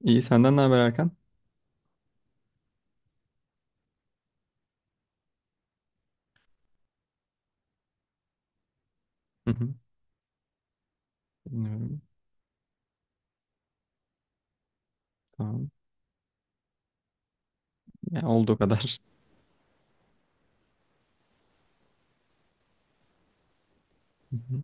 İyi senden ne haber Erkan? Hı hı. Dinliyorum. Tamam. Ya, olduğu kadar. Hı hı.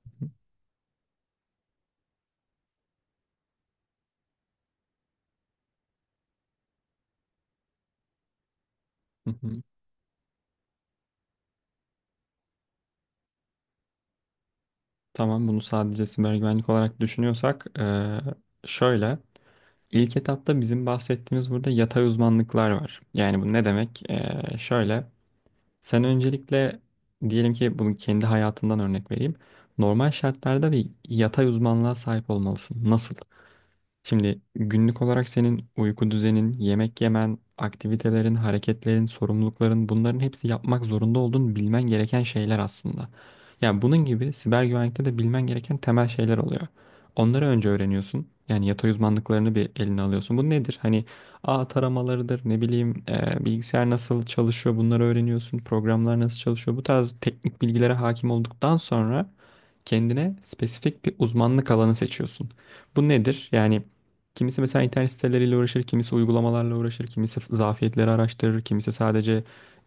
Hı hı. Tamam, bunu sadece siber güvenlik olarak düşünüyorsak şöyle, ilk etapta bizim bahsettiğimiz burada yatay uzmanlıklar var. Yani bu ne demek? Şöyle sen öncelikle diyelim ki bunu kendi hayatından örnek vereyim. Normal şartlarda bir yatay uzmanlığa sahip olmalısın. Nasıl? Şimdi günlük olarak senin uyku düzenin, yemek yemen, aktivitelerin, hareketlerin, sorumlulukların, bunların hepsi yapmak zorunda olduğun, bilmen gereken şeyler aslında. Yani bunun gibi siber güvenlikte de bilmen gereken temel şeyler oluyor. Onları önce öğreniyorsun. Yani yatay uzmanlıklarını bir eline alıyorsun. Bu nedir? Hani ağ taramalarıdır, ne bileyim bilgisayar nasıl çalışıyor, bunları öğreniyorsun. Programlar nasıl çalışıyor. Bu tarz teknik bilgilere hakim olduktan sonra kendine spesifik bir uzmanlık alanı seçiyorsun. Bu nedir? Yani kimisi mesela internet siteleriyle uğraşır, kimisi uygulamalarla uğraşır, kimisi zafiyetleri araştırır, kimisi sadece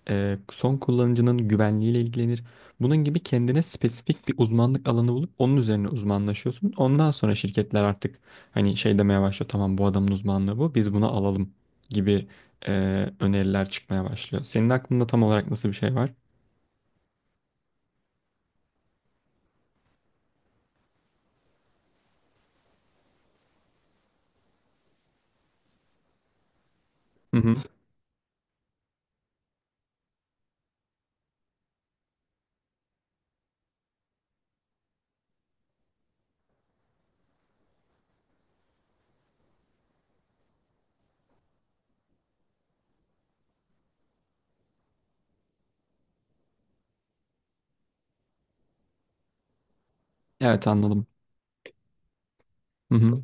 son kullanıcının güvenliğiyle ilgilenir. Bunun gibi kendine spesifik bir uzmanlık alanı bulup onun üzerine uzmanlaşıyorsun. Ondan sonra şirketler artık hani şey demeye başlıyor, tamam bu adamın uzmanlığı bu, biz bunu alalım gibi e, öneriler çıkmaya başlıyor. Senin aklında tam olarak nasıl bir şey var? Hı hı. Evet, anladım. Hı hı.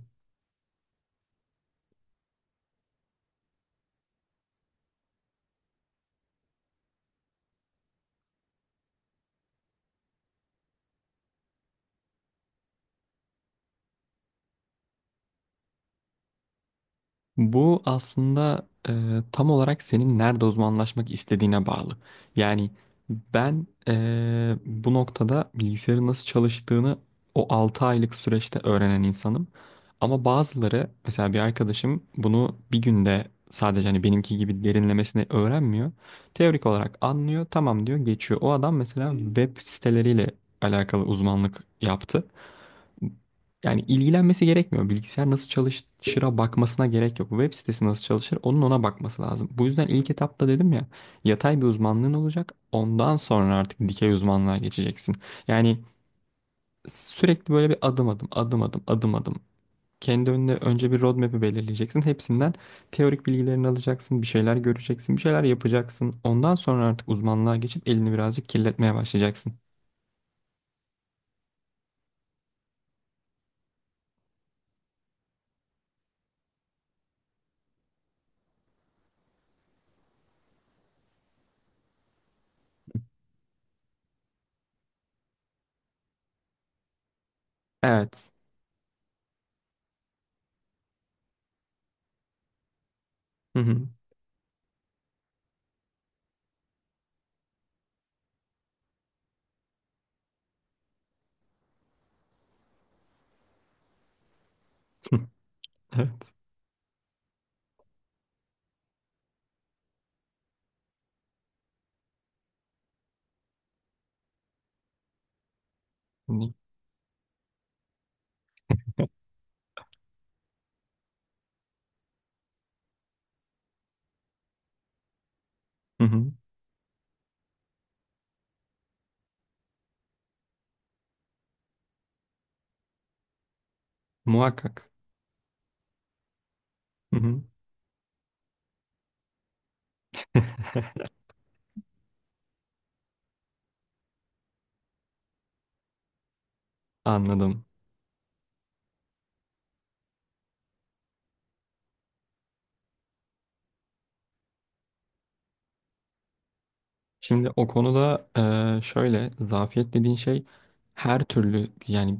Bu aslında tam olarak senin nerede uzmanlaşmak istediğine bağlı. Yani ben bu noktada bilgisayarın nasıl çalıştığını o 6 aylık süreçte öğrenen insanım. Ama bazıları, mesela bir arkadaşım, bunu bir günde sadece hani benimki gibi derinlemesine öğrenmiyor. Teorik olarak anlıyor, tamam diyor, geçiyor. O adam mesela web siteleriyle alakalı uzmanlık yaptı. Yani ilgilenmesi gerekmiyor. Bilgisayar nasıl çalışır'a bakmasına gerek yok. Web sitesi nasıl çalışır, onun ona bakması lazım. Bu yüzden ilk etapta dedim ya, yatay bir uzmanlığın olacak. Ondan sonra artık dikey uzmanlığa geçeceksin. Yani sürekli böyle bir adım adım adım adım adım adım. Kendi önüne önce bir roadmap'i belirleyeceksin. Hepsinden teorik bilgilerini alacaksın. Bir şeyler göreceksin. Bir şeyler yapacaksın. Ondan sonra artık uzmanlığa geçip elini birazcık kirletmeye başlayacaksın. Evet. Hı hı. Evet. Hı hı. Muhakkak. Hı hı. Anladım. Şimdi o konuda şöyle, zafiyet dediğin şey her türlü. Yani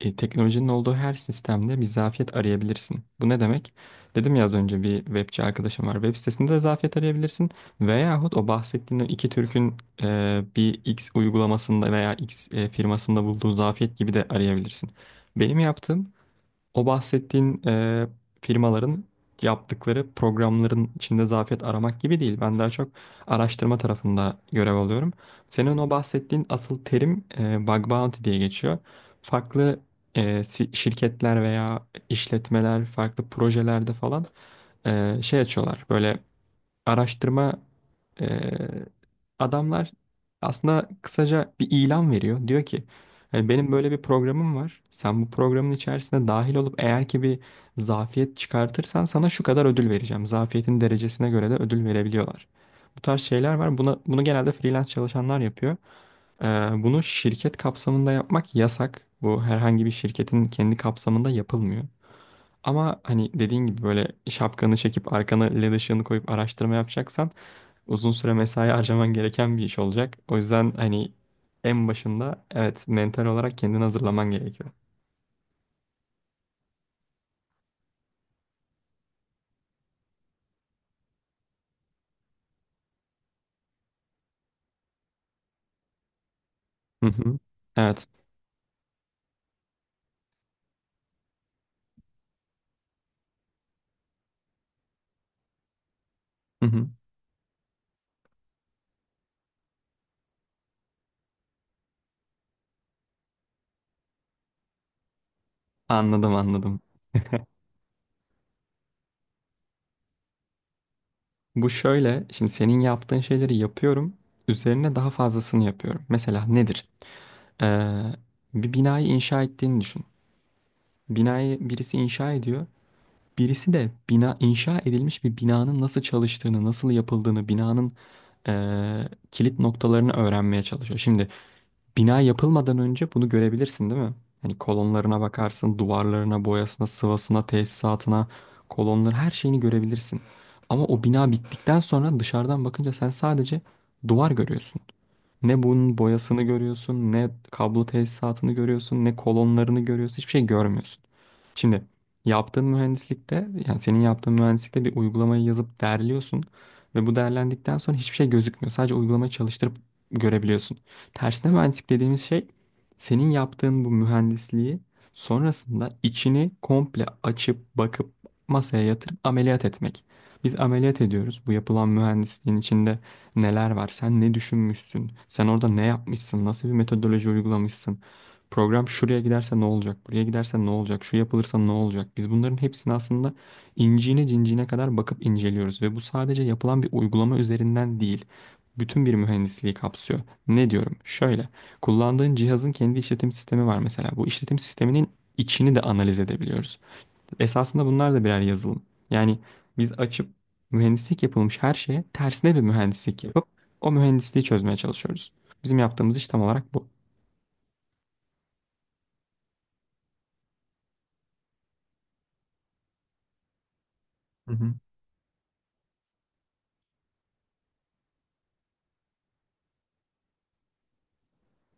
teknolojinin olduğu her sistemde bir zafiyet arayabilirsin. Bu ne demek? Dedim ya az önce, bir webçi arkadaşım var. Web sitesinde de zafiyet arayabilirsin. Veyahut o bahsettiğin o iki Türk'ün bir X uygulamasında veya X firmasında bulduğu zafiyet gibi de arayabilirsin. Benim yaptığım, o bahsettiğin firmaların yaptıkları programların içinde zafiyet aramak gibi değil. Ben daha çok araştırma tarafında görev alıyorum. Senin o bahsettiğin asıl terim bug bounty diye geçiyor. Farklı şirketler veya işletmeler farklı projelerde falan şey açıyorlar. Böyle araştırma eee, adamlar aslında kısaca bir ilan veriyor. Diyor ki hani, benim böyle bir programım var. Sen bu programın içerisine dahil olup eğer ki bir zafiyet çıkartırsan sana şu kadar ödül vereceğim. Zafiyetin derecesine göre de ödül verebiliyorlar. Bu tarz şeyler var. Buna, bunu genelde freelance çalışanlar yapıyor. Bunu şirket kapsamında yapmak yasak. Bu herhangi bir şirketin kendi kapsamında yapılmıyor. Ama hani dediğin gibi böyle şapkanı çekip arkana led ışığını koyup araştırma yapacaksan, uzun süre mesai harcaman gereken bir iş olacak. O yüzden hani en başında, evet, mental olarak kendini hazırlaman gerekiyor. Hı hı. Evet. Hı hı. Anladım, anladım. Bu şöyle, şimdi senin yaptığın şeyleri yapıyorum. Üzerine daha fazlasını yapıyorum. Mesela nedir? Ee, bir binayı inşa ettiğini düşün. Binayı birisi inşa ediyor. Birisi de bina inşa edilmiş bir binanın nasıl çalıştığını, nasıl yapıldığını, binanın kilit noktalarını öğrenmeye çalışıyor. Şimdi bina yapılmadan önce bunu görebilirsin, değil mi? Hani kolonlarına bakarsın, duvarlarına, boyasına, sıvasına, tesisatına, kolonların her şeyini görebilirsin. Ama o bina bittikten sonra dışarıdan bakınca sen sadece duvar görüyorsun. Ne bunun boyasını görüyorsun, ne kablo tesisatını görüyorsun, ne kolonlarını görüyorsun. Hiçbir şey görmüyorsun. Şimdi yaptığın mühendislikte, yani senin yaptığın mühendislikte, bir uygulamayı yazıp derliyorsun ve bu derlendikten sonra hiçbir şey gözükmüyor. Sadece uygulamayı çalıştırıp görebiliyorsun. Tersine mühendislik dediğimiz şey, senin yaptığın bu mühendisliği sonrasında içini komple açıp bakıp masaya yatırıp ameliyat etmek. Biz ameliyat ediyoruz: bu yapılan mühendisliğin içinde neler var, sen ne düşünmüşsün, sen orada ne yapmışsın, nasıl bir metodoloji uygulamışsın, program şuraya giderse ne olacak, buraya giderse ne olacak, şu yapılırsa ne olacak. Biz bunların hepsini aslında inciğine cinciğine kadar bakıp inceliyoruz, ve bu sadece yapılan bir uygulama üzerinden değil. Bütün bir mühendisliği kapsıyor. Ne diyorum? Şöyle, kullandığın cihazın kendi işletim sistemi var mesela. Bu işletim sisteminin içini de analiz edebiliyoruz. Esasında bunlar da birer yazılım. Yani biz açıp mühendislik yapılmış her şeye tersine bir mühendislik yapıp o mühendisliği çözmeye çalışıyoruz. Bizim yaptığımız iş tam olarak bu. Hı hı.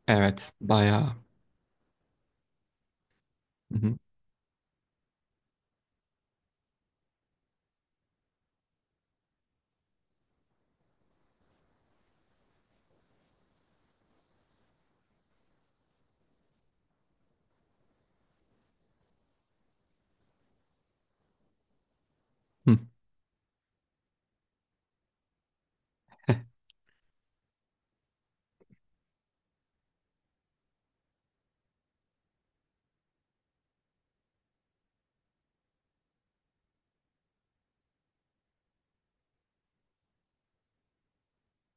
Evet, bayağı. Hı hı. Hı.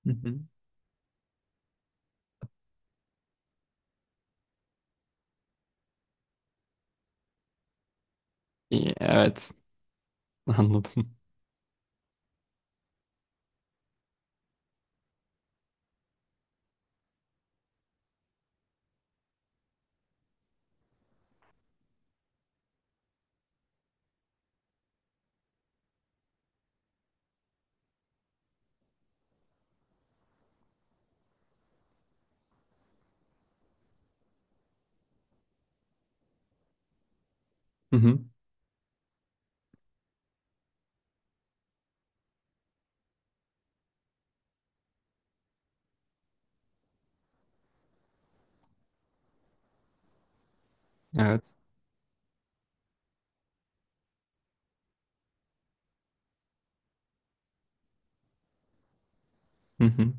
Hı hı. İyi, evet, anladım. Hı hı. Evet. Hı hı.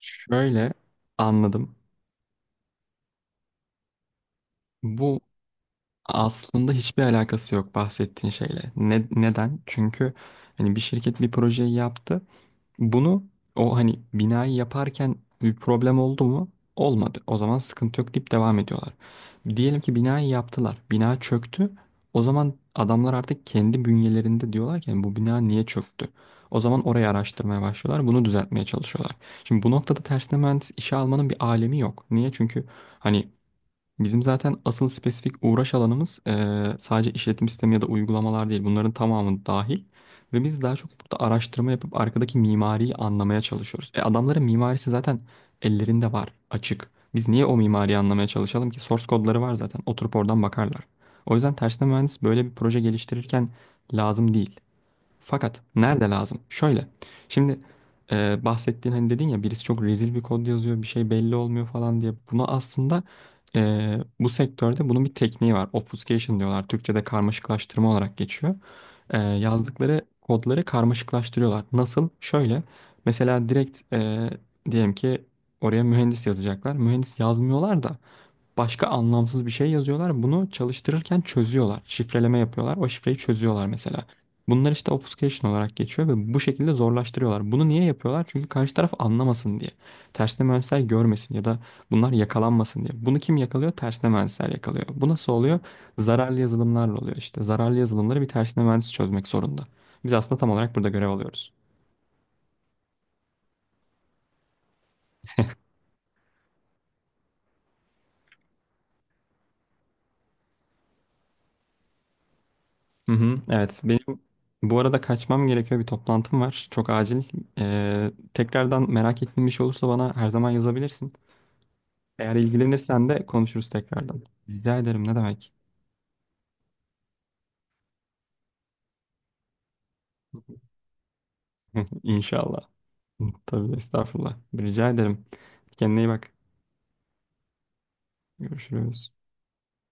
Şöyle, anladım. Bu aslında hiçbir alakası yok bahsettiğin şeyle. Ne, neden? Çünkü hani bir şirket bir projeyi yaptı. Bunu, o hani binayı yaparken, bir problem oldu mu? Olmadı. O zaman sıkıntı yok deyip devam ediyorlar. Diyelim ki binayı yaptılar. Bina çöktü. O zaman adamlar artık kendi bünyelerinde diyorlar ki, "Yani bu bina niye çöktü?" O zaman orayı araştırmaya başlıyorlar. Bunu düzeltmeye çalışıyorlar. Şimdi bu noktada tersine mühendis işe almanın bir alemi yok. Niye? Çünkü hani bizim zaten asıl spesifik uğraş alanımız sadece işletim sistemi ya da uygulamalar değil. Bunların tamamı dahil. Ve biz daha çok burada araştırma yapıp arkadaki mimariyi anlamaya çalışıyoruz. E, adamların mimarisi zaten ellerinde var, açık. Biz niye o mimariyi anlamaya çalışalım ki? Source kodları var zaten. Oturup oradan bakarlar. O yüzden tersine mühendis böyle bir proje geliştirirken lazım değil. Fakat nerede lazım? Şöyle. Şimdi bahsettiğin, hani dedin ya birisi çok rezil bir kod yazıyor, bir şey belli olmuyor falan diye. Buna aslında bu sektörde bunun bir tekniği var. Obfuscation diyorlar. Türkçe'de karmaşıklaştırma olarak geçiyor. Yazdıkları kodları karmaşıklaştırıyorlar. Nasıl? Şöyle. Mesela direkt diyelim ki oraya mühendis yazacaklar. Mühendis yazmıyorlar da başka anlamsız bir şey yazıyorlar. Bunu çalıştırırken çözüyorlar. Şifreleme yapıyorlar. O şifreyi çözüyorlar mesela. Bunlar işte obfuscation olarak geçiyor ve bu şekilde zorlaştırıyorlar. Bunu niye yapıyorlar? Çünkü karşı taraf anlamasın diye. Tersine mühendisler görmesin ya da bunlar yakalanmasın diye. Bunu kim yakalıyor? Tersine mühendisler yakalıyor. Bu nasıl oluyor? Zararlı yazılımlarla oluyor işte. Zararlı yazılımları bir tersine mühendis çözmek zorunda. Biz aslında tam olarak burada görev alıyoruz. Hı hı, evet. Benim bu arada kaçmam gerekiyor. Bir toplantım var. Çok acil. Tekrardan merak ettiğin bir şey olursa bana her zaman yazabilirsin. Eğer ilgilenirsen de konuşuruz tekrardan. Rica ederim. Ne demek? İnşallah. Tabii estağfurullah. Rica ederim. Kendine iyi bak. Görüşürüz.